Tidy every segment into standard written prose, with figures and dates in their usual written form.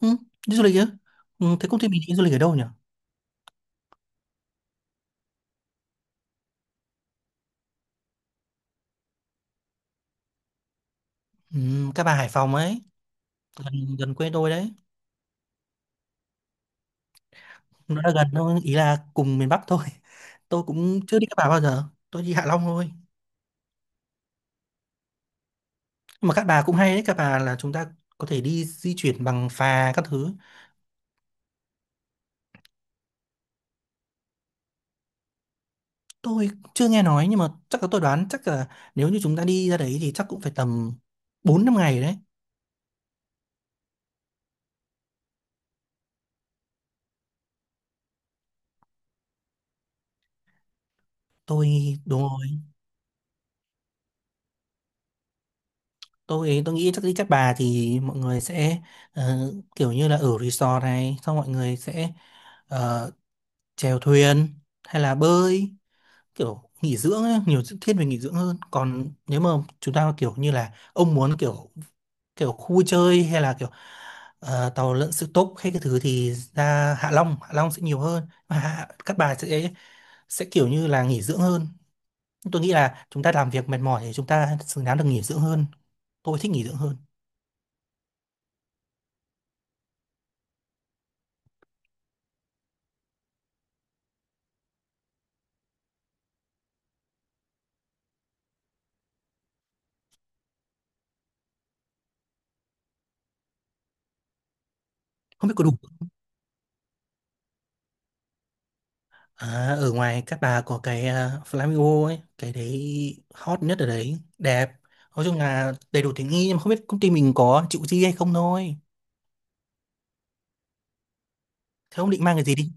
Ừ, đi du lịch chứ? Ừ, thế công ty mình đi du lịch ở đâu nhỉ? Ừ, Các bà Hải Phòng ấy, gần gần quê tôi đấy. Nó là gần thôi, ý là cùng miền Bắc thôi. Tôi cũng chưa đi Cát Bà bao giờ, tôi đi Hạ Long thôi. Nhưng mà Cát Bà cũng hay đấy, Cát Bà là chúng ta có thể đi di chuyển bằng phà các thứ. Tôi chưa nghe nói nhưng mà chắc là tôi đoán chắc là nếu như chúng ta đi ra đấy thì chắc cũng phải tầm bốn năm ngày đấy. Tôi đúng rồi. Tôi nghĩ chắc đi Cát Bà thì mọi người sẽ kiểu như là ở resort này, xong mọi người sẽ ờ, chèo thuyền hay là bơi kiểu nghỉ dưỡng ấy, nhiều thiết về nghỉ dưỡng hơn. Còn nếu mà chúng ta kiểu như là ông muốn kiểu kiểu khu vui chơi hay là kiểu tàu lượn siêu tốc hay cái thứ thì ra Hạ Long sẽ nhiều hơn mà Cát Bà sẽ kiểu như là nghỉ dưỡng hơn. Tôi nghĩ là chúng ta làm việc mệt mỏi thì chúng ta xứng đáng được nghỉ dưỡng hơn, tôi thích nghỉ dưỡng hơn. Không biết có đủ. À, ở ngoài Cát Bà có cái Flamingo ấy, cái đấy hot nhất ở đấy, đẹp. Nói chung là đầy đủ tiện nghi nhưng mà không biết công ty mình có chịu chi hay không thôi. Thế ông định mang cái gì đi?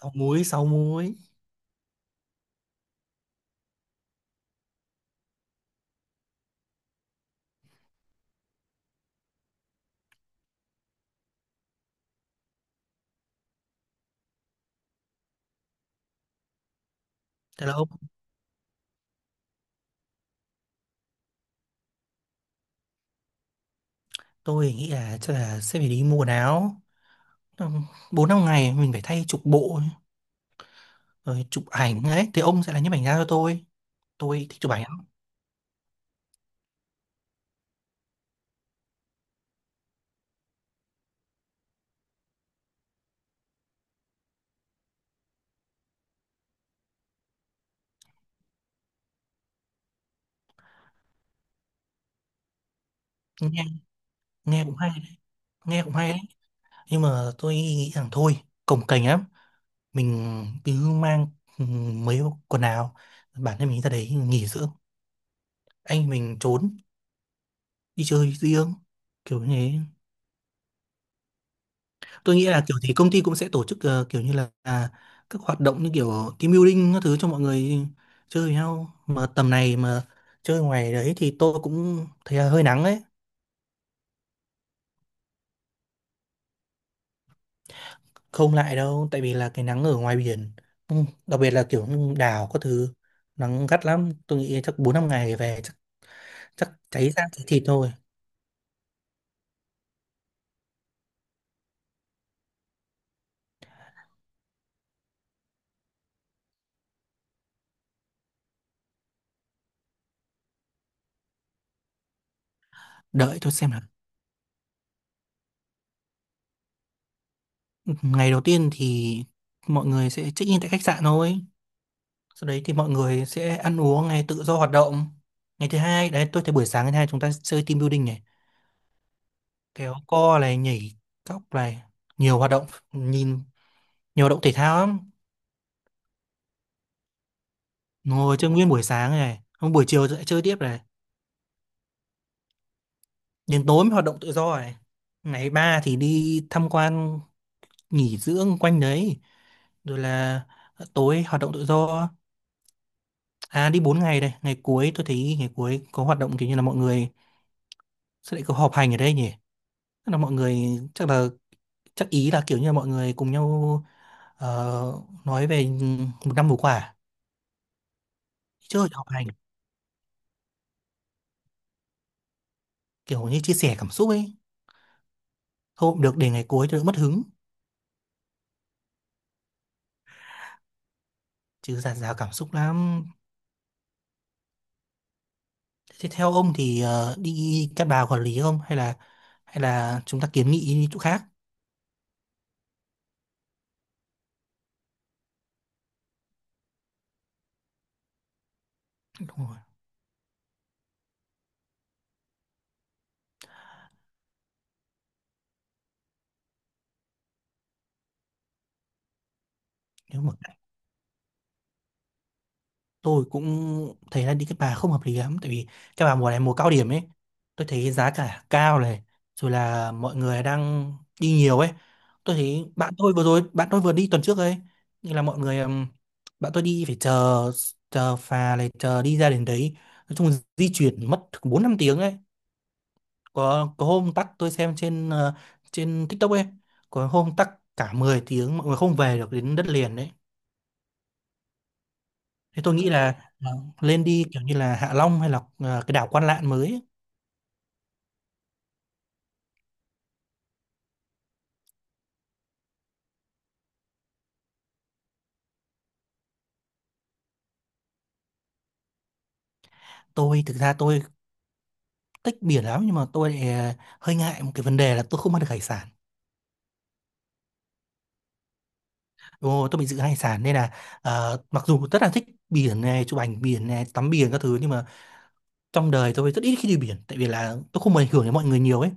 Sáu múi, sáu múi. Thế là ông, tôi nghĩ là chắc là sẽ phải đi mua quần áo. Ừ, bốn năm ngày mình phải thay chục bộ, rồi chụp ảnh ấy. Thì ông sẽ là nhiếp ảnh gia cho tôi. Tôi thích chụp ảnh lắm. Nghe, nghe cũng hay đấy. Nghe cũng hay đấy. Nhưng mà tôi nghĩ rằng thôi, cồng kềnh lắm, mình cứ mang ừ, mấy quần áo bản thân mình ra đấy nghỉ dưỡng, anh mình trốn đi chơi riêng kiểu như thế. Tôi nghĩ là kiểu gì công ty cũng sẽ tổ chức kiểu như là các hoạt động như kiểu team building các thứ cho mọi người chơi với nhau. Mà tầm này mà chơi ngoài đấy thì tôi cũng thấy là hơi nắng ấy, không lại đâu tại vì là cái nắng ở ngoài biển, ừ, đặc biệt là kiểu như đảo các thứ nắng gắt lắm. Tôi nghĩ chắc bốn năm ngày về chắc chắc cháy ra thì thịt thôi. Đợi tôi xem là. Ngày đầu tiên thì mọi người sẽ check-in tại khách sạn thôi. Sau đấy thì mọi người sẽ ăn uống này, tự do hoạt động. Ngày thứ hai, đấy tôi thấy buổi sáng ngày thứ hai chúng ta chơi team building này, kéo co này, nhảy cóc này, nhiều hoạt động, nhìn nhiều hoạt động thể thao lắm. Ngồi chơi nguyên buổi sáng này, hôm buổi chiều lại chơi tiếp này, đến tối mới hoạt động tự do này. Ngày ba thì đi tham quan nghỉ dưỡng quanh đấy, rồi là tối hoạt động tự do. À đi 4 ngày đây, ngày cuối tôi thấy ngày cuối có hoạt động kiểu như là mọi người. Sao lại có họp hành ở đây nhỉ? Chắc là mọi người, chắc là, chắc ý là kiểu như là mọi người cùng nhau ờ, nói về một năm vừa qua à? Chứ không họp hành, kiểu như chia sẻ cảm xúc ấy. Thôi cũng được để ngày cuối cho đỡ mất hứng, chứ dạt dào cảm xúc lắm. Thế theo ông thì đi Cát Bà quản lý không hay là hay là chúng ta kiến nghị đi chỗ khác. Đúng rồi. Nếu mà tôi cũng thấy là đi cái Bà không hợp lý lắm tại vì cái Bà mùa này mùa cao điểm ấy, tôi thấy giá cả cao này, rồi là mọi người đang đi nhiều ấy. Tôi thấy bạn tôi vừa rồi bạn tôi vừa đi tuần trước ấy, nhưng là mọi người bạn tôi đi phải chờ chờ phà này chờ đi ra đến đấy, nói chung di chuyển mất bốn năm tiếng ấy. Có hôm tắc, tôi xem trên trên TikTok ấy, có hôm tắc cả 10 tiếng mọi người không về được đến đất liền đấy. Thế tôi nghĩ là lên đi kiểu như là Hạ Long hay là cái đảo Quan Lạn mới ấy. Tôi thực ra tôi thích biển lắm nhưng mà tôi lại hơi ngại một cái vấn đề là tôi không ăn được hải sản. Ồ, tôi bị dị ứng hải sản nên là mặc dù rất là thích biển này, chụp ảnh biển này, tắm biển các thứ nhưng mà trong đời tôi rất ít khi đi biển tại vì là tôi không muốn ảnh hưởng đến mọi người nhiều ấy.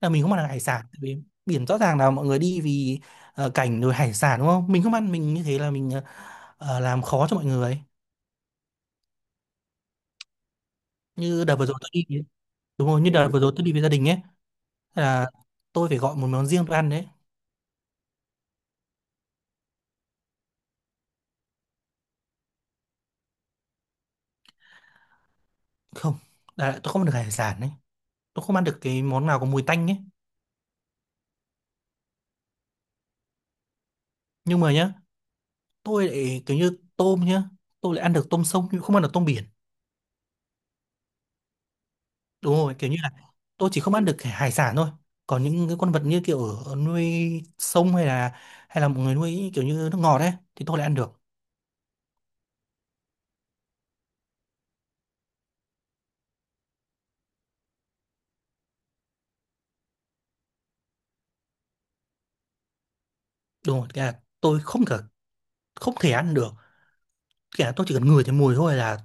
Là mình không ăn được hải sản tại vì biển rõ ràng là mọi người đi vì cảnh rồi hải sản đúng không? Mình không ăn mình như thế là mình làm khó cho mọi người. Như đợt vừa rồi tôi đi đúng rồi như đợt vừa rồi tôi đi với gia đình ấy, là tôi phải gọi một món riêng tôi ăn đấy. Không là tôi không ăn được hải sản đấy, tôi không ăn được cái món nào có mùi tanh ấy. Nhưng mà nhá, tôi lại kiểu như tôm nhá, tôi lại ăn được tôm sông nhưng không ăn được tôm biển. Đúng rồi kiểu như là tôi chỉ không ăn được cái hải sản thôi, còn những cái con vật như kiểu ở nuôi sông hay là một người nuôi kiểu như nước ngọt ấy thì tôi lại ăn được. Đúng rồi cái là tôi không cả không thể ăn được, kể là tôi chỉ cần ngửi thấy mùi thôi là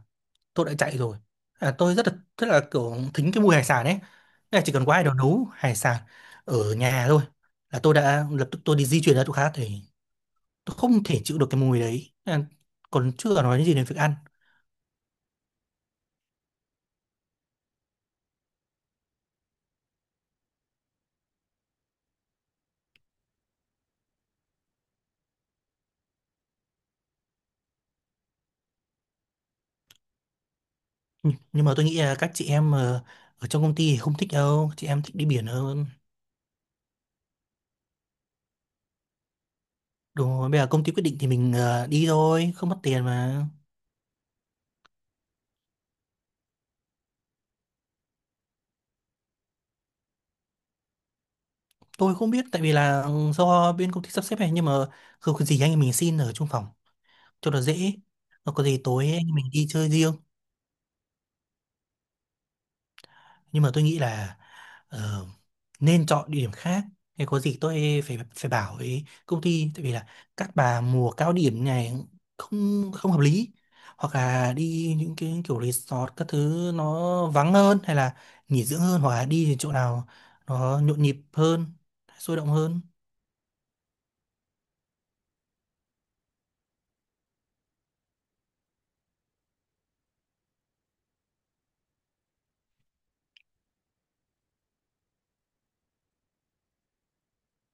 tôi đã chạy rồi. À, tôi rất là kiểu thính cái mùi hải sản ấy. Thế là chỉ cần có ai đó nấu hải sản ở nhà thôi là tôi đã lập tức tôi đi di chuyển ra chỗ khác thì tôi không thể chịu được cái mùi đấy, còn chưa nói đến gì đến việc ăn. Nhưng mà tôi nghĩ là các chị em ở trong công ty thì không thích đâu, chị em thích đi biển hơn. Đúng rồi bây giờ công ty quyết định thì mình đi thôi không mất tiền mà. Tôi không biết tại vì là ừ, do bên công ty sắp xếp này nhưng mà không có gì anh em mình xin ở chung phòng cho nó dễ, nó có gì tối anh em mình đi chơi riêng. Nhưng mà tôi nghĩ là ờ, nên chọn địa điểm khác, hay có gì tôi phải phải bảo với công ty tại vì là các bà mùa cao điểm này không không hợp lý, hoặc là đi những cái kiểu resort các thứ nó vắng hơn hay là nghỉ dưỡng hơn, hoặc là đi những chỗ nào nó nhộn nhịp hơn sôi động hơn.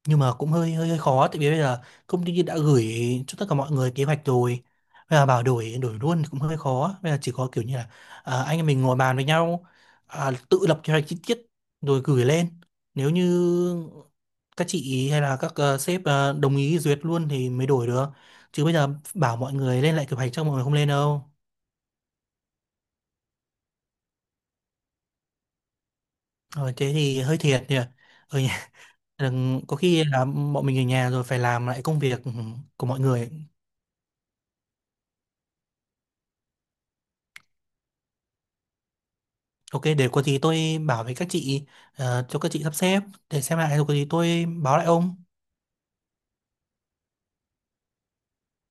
Nhưng mà cũng hơi hơi hơi khó tại vì bây giờ công ty đã gửi cho tất cả mọi người kế hoạch rồi, bây giờ bảo đổi đổi luôn thì cũng hơi khó. Bây giờ chỉ có kiểu như là anh em mình ngồi bàn với nhau, tự lập kế hoạch chi tiết rồi gửi lên, nếu như các chị hay là các sếp đồng ý duyệt luôn thì mới đổi được, chứ bây giờ bảo mọi người lên lại kế hoạch cho mọi người không lên đâu. Rồi thế thì hơi thiệt nhỉ, ở nhà có khi là bọn mình ở nhà rồi phải làm lại công việc của mọi người. Ok, để có gì tôi bảo với các chị cho các chị sắp xếp để xem lại rồi có gì tôi báo lại ông.